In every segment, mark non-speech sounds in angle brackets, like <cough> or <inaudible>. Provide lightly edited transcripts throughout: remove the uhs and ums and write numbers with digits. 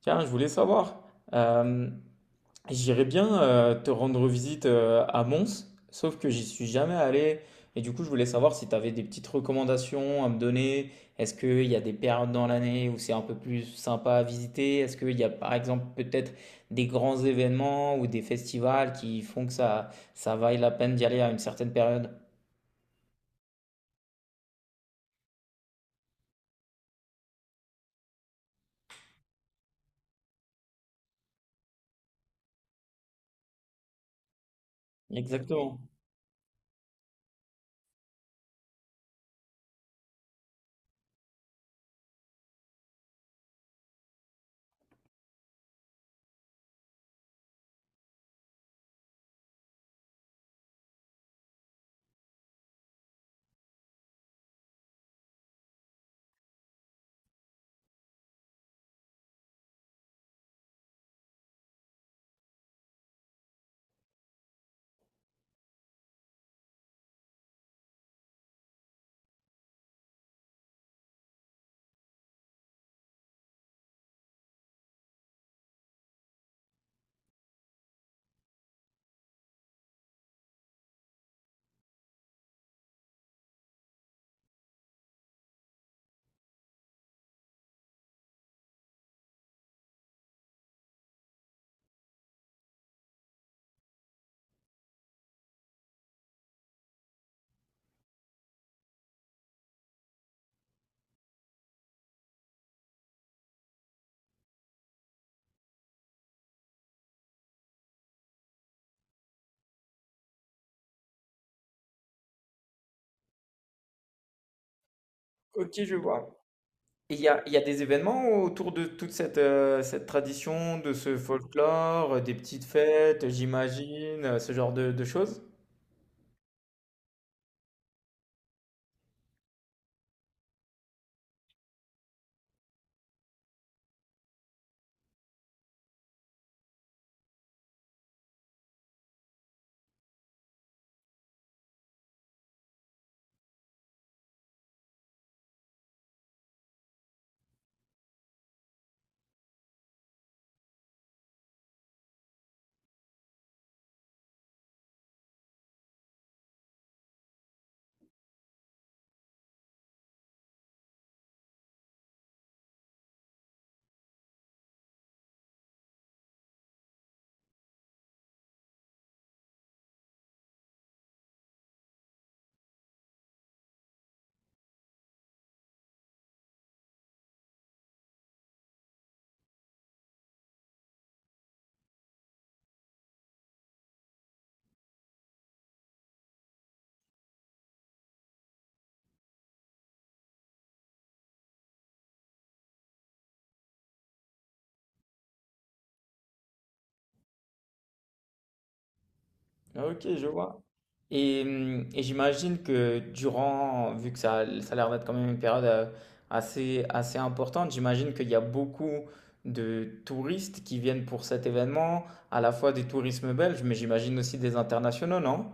Tiens, je voulais savoir, euh, j'irais bien te rendre visite à Mons, sauf que j'y suis jamais allé. Et du coup, je voulais savoir si tu avais des petites recommandations à me donner. Est-ce qu'il y a des périodes dans l'année où c'est un peu plus sympa à visiter? Est-ce qu'il y a par exemple peut-être des grands événements ou des festivals qui font que ça vaille la peine d'y aller à une certaine période? Exactement. Ok, je vois. Et il y a des événements autour de toute cette, cette tradition, de ce folklore, des petites fêtes, j'imagine, ce genre de choses? Ah, OK, je vois et mmh et j'imagine que durant vu que ça l ça a l'air d'être quand même une période, assez importante, j'imagine qu'il y a beaucoup de touristes qui viennent pour cet événement, à la fois des tourismes belges, mais j'imagine aussi des internationaux, non?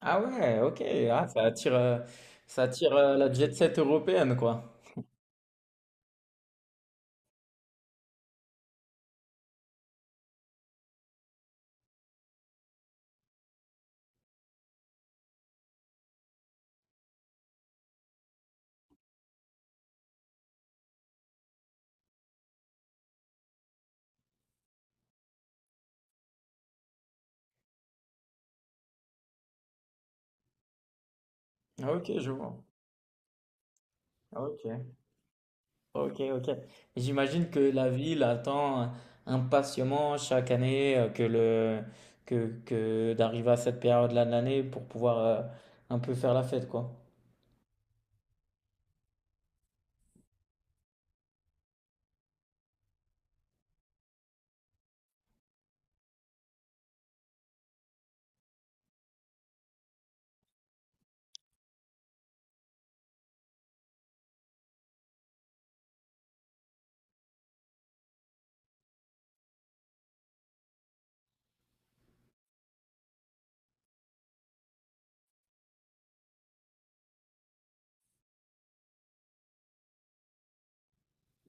Ah ouais, OK, ah ça attire, la jet set européenne, quoi. Ah, ok, je vois. Ah, ok, ok, ok. J'imagine que la ville attend impatiemment chaque année que d'arriver à cette période-là de l'année pour pouvoir un peu faire la fête, quoi.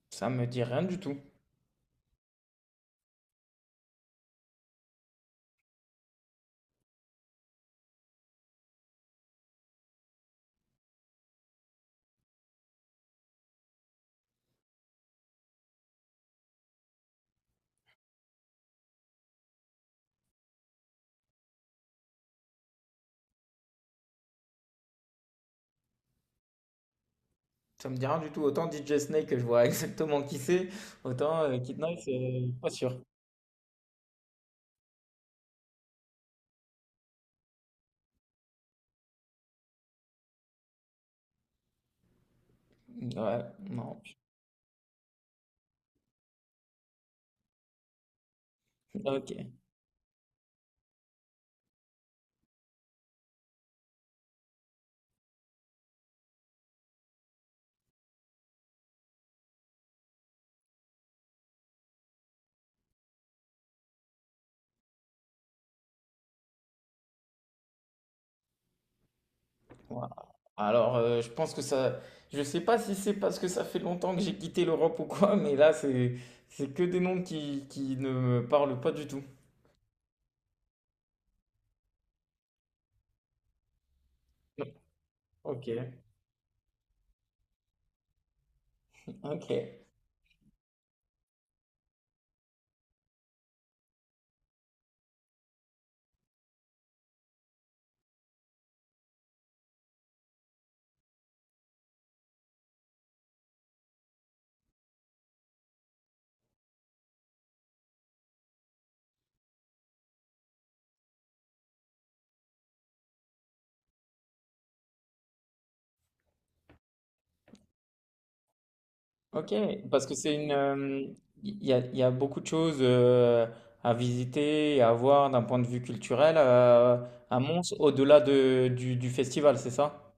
Ça me dit rien du tout. Ça me dit rien du tout. Autant DJ Snake que je vois <laughs> exactement qui c'est, autant Kid Nice, pas sûr. Ouais, non. Ok. Voilà. Alors, je pense que ça. Je sais pas si c'est parce que ça fait longtemps que j'ai quitté l'Europe ou quoi, mais là, c'est que des noms qui ne me parlent pas du tout. Ok. Ok. Ok, parce que c'est une, il y a beaucoup de choses à visiter et à voir d'un point de vue culturel à Mons, au-delà de, du festival, c'est ça?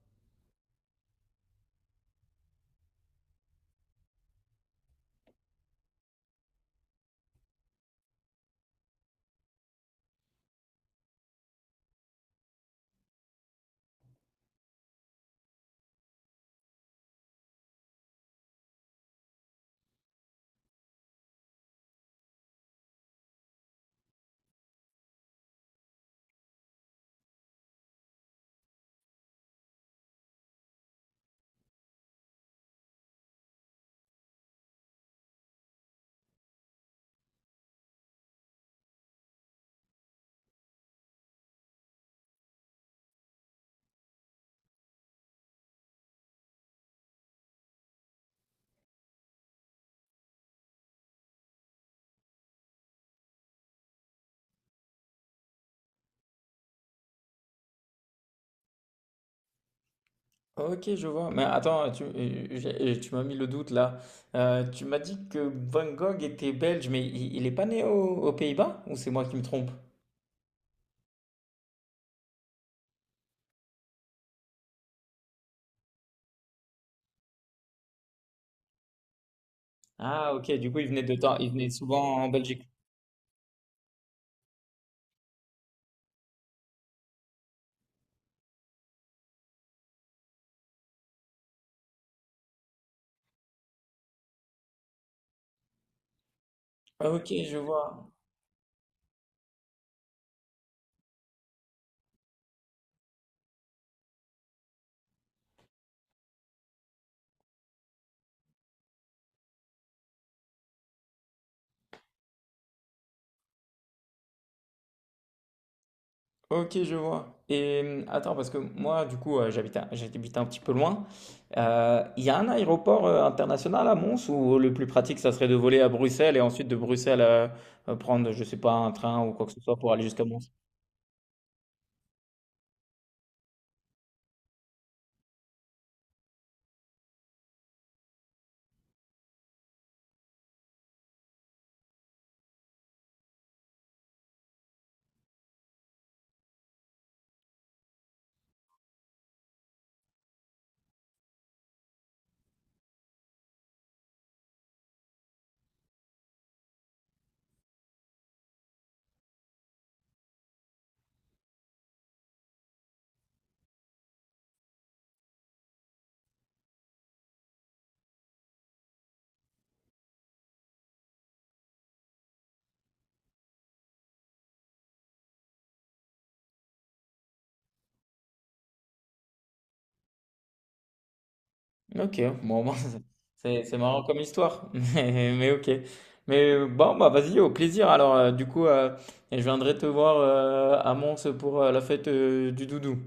Ok, je vois. Mais attends, tu, j'ai- tu m'as mis le doute là. Tu m'as dit que Van Gogh était belge, mais il est pas né au- aux Pays-Bas? Ou c'est moi qui me trompe? Ah, ok, du coup, il venait de temps, il venait souvent en Belgique. Ok, je vois. Ok, je vois. Et attends, parce que moi, du coup, j'habite un petit peu loin. Il y a un aéroport international à Mons ou le plus pratique, ça serait de voler à Bruxelles et ensuite de Bruxelles prendre, je sais pas, un train ou quoi que ce soit pour aller jusqu'à Mons? Ok, bon, bon, <laughs> c'est marrant comme histoire, <laughs> mais ok. Mais bon, bah vas-y, au plaisir. Alors, du coup, je viendrai te voir à Mons pour la fête du doudou.